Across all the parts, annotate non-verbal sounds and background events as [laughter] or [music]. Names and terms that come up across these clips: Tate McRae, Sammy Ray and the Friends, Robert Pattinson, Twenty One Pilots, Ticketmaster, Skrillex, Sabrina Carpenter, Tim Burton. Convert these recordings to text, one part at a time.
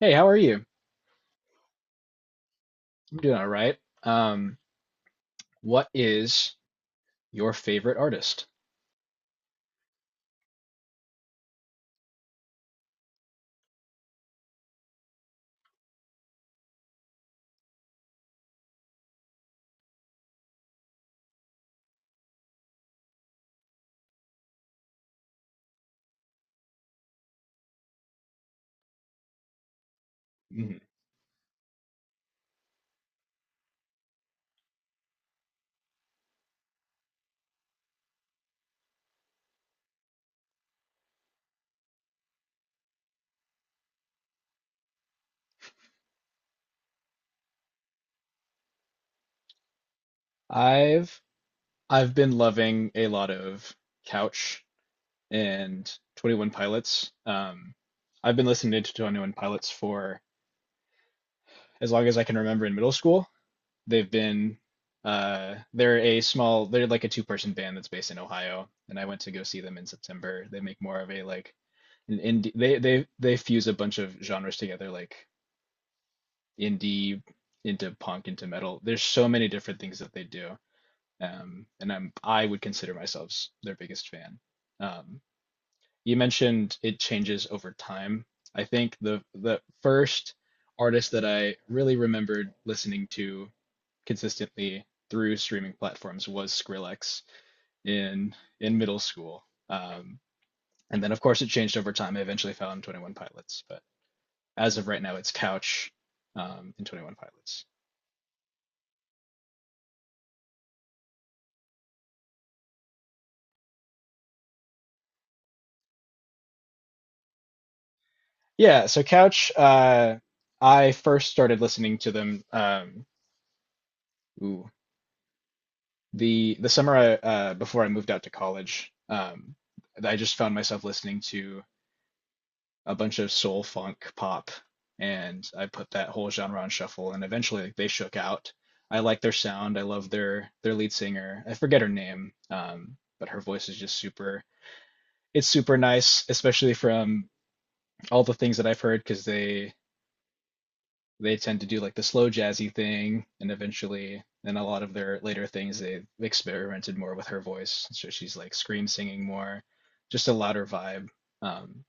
Hey, how are you? I'm doing all right. Um, what is your favorite artist? Mhm. I've I've been loving a lot of Couch and 21 Pilots. I've been listening to 21 Pilots for as long as I can remember in middle school. They've been they're like a two-person band that's based in Ohio, and I went to go see them in September. They make more of a like an indie they fuse a bunch of genres together, like indie into punk into metal. There's so many different things that they do, and I would consider myself their biggest fan. Um, you mentioned it changes over time. I think the first artist that I really remembered listening to consistently through streaming platforms was Skrillex in in middle school. And then of course it changed over time. I eventually found 21 Pilots, but as of right now it's Couch in 21 Pilots. Yeah, so Couch, I first started listening to them, ooh, the summer before I moved out to college. I just found myself listening to a bunch of soul funk pop, and I put that whole genre on shuffle. And eventually, like, they shook out. I like their sound. I love their lead singer. I forget her name, but her voice is just super. It's super nice, especially from all the things that I've heard, because they tend to do like the slow jazzy thing, and eventually in a lot of their later things they experimented more with her voice, so she's like scream singing more, just a louder vibe, um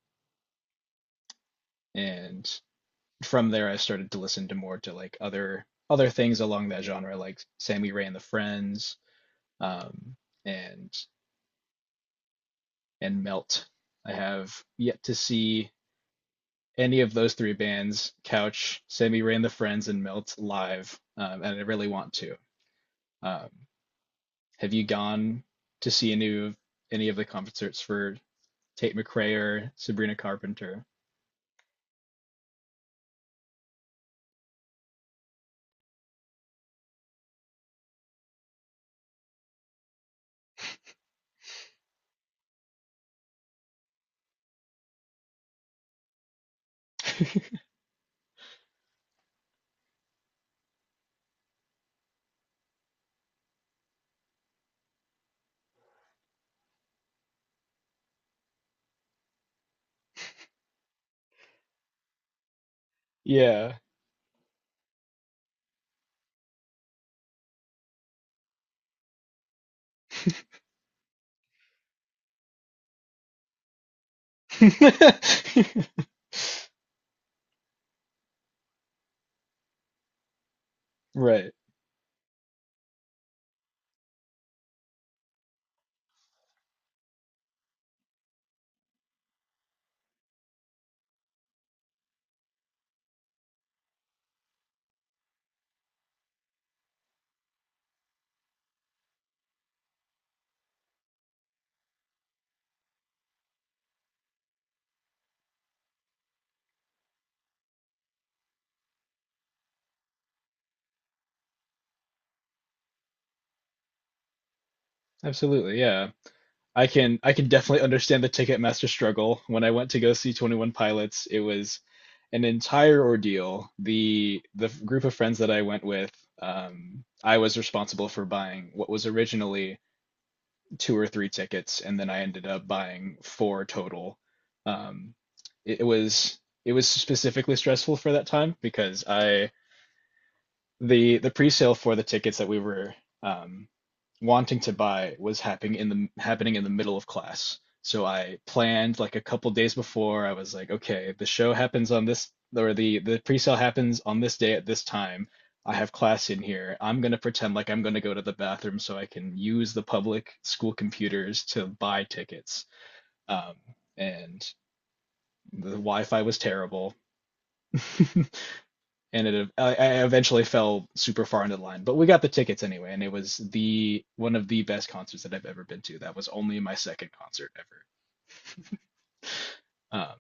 and from there I started to listen to more to like other things along that genre, like Sammy Ray and the Friends, um and and Melt. I have yet to see any of those three bands, Couch, Sammy Ray and the Friends, and Melt, live, and I really want to. um Have you gone to see any of the concerts for Tate McRae or Sabrina Carpenter? Yeah. [laughs] Right. Absolutely, yeah. I can definitely understand the Ticketmaster struggle. When I went to go see 21 Pilots, it was an entire ordeal. The group of friends that I went with, I was responsible for buying what was originally two or three tickets, and then I ended up buying four total. Um, it, it was specifically stressful for that time, because I the pre-sale for the tickets that we were, um, wanting to buy was happening in the middle of class. So I planned like a couple days before. I was like, okay, the show happens on this, or the pre-sale happens on this day at this time. I have class in here. I'm gonna pretend like I'm gonna go to the bathroom so I can use the public school computers to buy tickets. Um, and the Wi-Fi was terrible. [laughs] And I eventually fell super far into the line. But we got the tickets anyway, and it was the one of the best concerts that I've ever been to. That was only my second concert ever.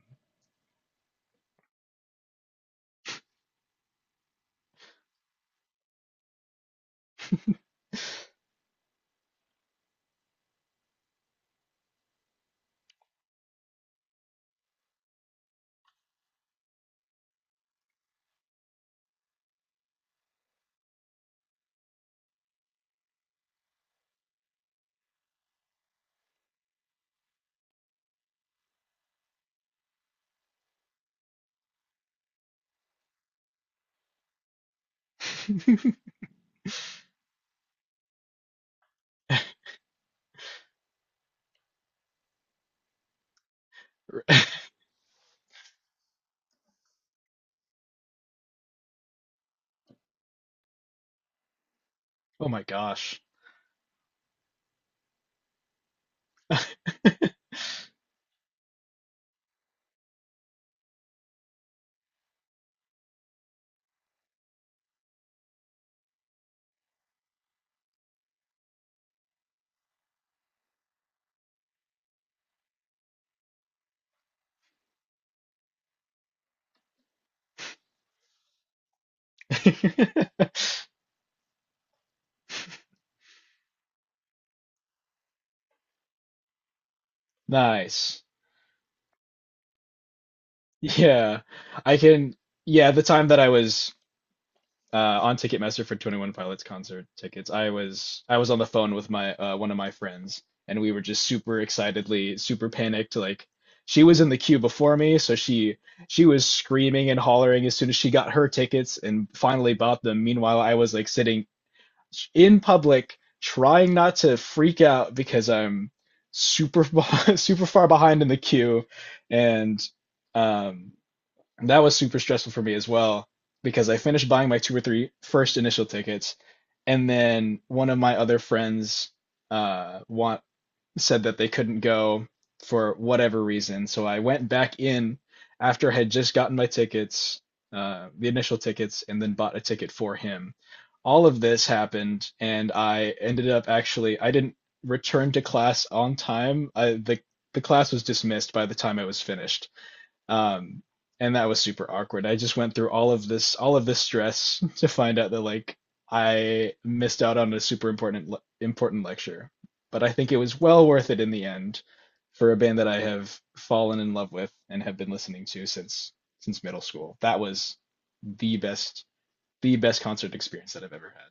[laughs] Oh my gosh. [laughs] Nice. Yeah. I can, yeah, the time that I was on Ticketmaster for 21 Pilots concert tickets, I was on the phone with my one of my friends, and we were just super excitedly, super panicked. Like, she was in the queue before me, so she was screaming and hollering as soon as she got her tickets and finally bought them. Meanwhile, I was like sitting in public, trying not to freak out because I'm super [laughs] super far behind in the queue, and um that was super stressful for me as well, because I finished buying my two or three first initial tickets, and then one of my other friends want said that they couldn't go for whatever reason. So I went back in after I had just gotten my tickets, the initial tickets, and then bought a ticket for him. All of this happened, and I ended up actually I didn't return to class on time. I the class was dismissed by the time I was finished. Um, and that was super awkward. I just went through all of this stress [laughs] to find out that like I missed out on a super important important lecture. But I think it was well worth it in the end, for a band that I have fallen in love with and have been listening to since middle school. That was the best the best concert experience that I've ever had.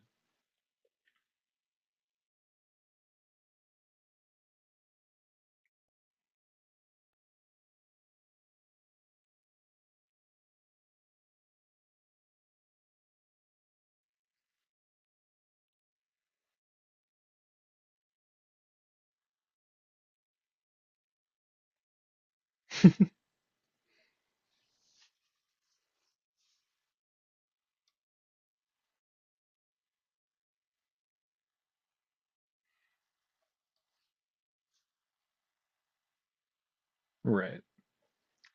Right.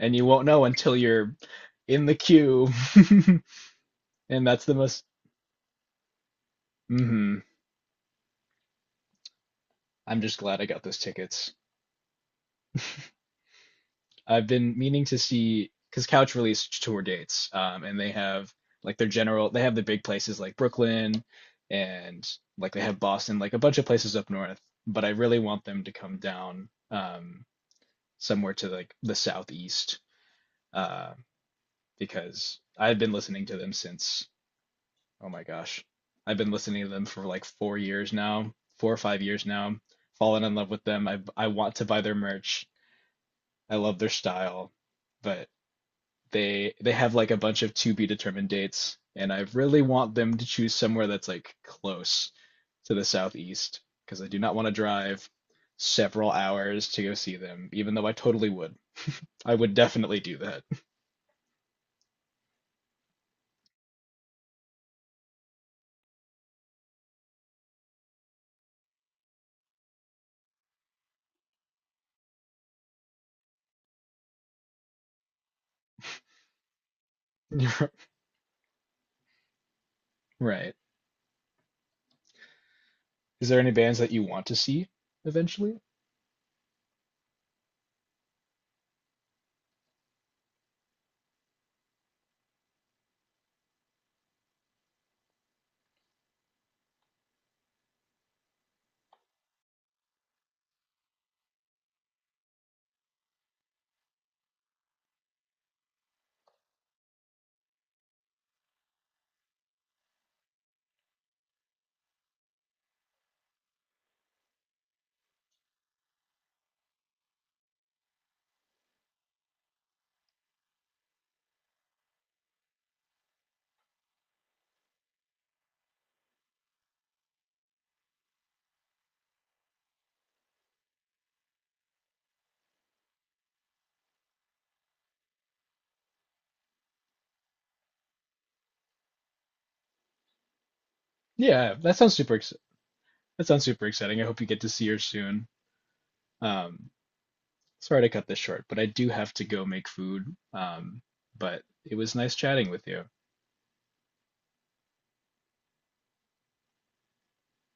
And you won't know until you're in the queue. [laughs] And that's the most hmm I'm just glad I got those tickets. I've been meaning to see, because Couch released tour dates, and they have like their general, they have the big places like Brooklyn and like they have Boston, like a bunch of places up north. But I really want them to come down somewhere to like the southeast, uh, because I've been listening to them since, oh my gosh, I've been listening to them for like 4 years now, 4 or 5 years now. Fallen in love with them. I want to buy their merch. I love their style, but they have like a bunch of to be determined dates, and I really want them to choose somewhere that's like close to the southeast, because I do not want to drive several hours to go see them, even though I totally would. I would definitely do that. [laughs] Right. Is there any bands that you want to see eventually? Yeah, that sounds super ex that sounds super exciting. I hope you get to see her soon. Um, Sorry to cut this short, but I do have to go make food. But it was nice chatting with you.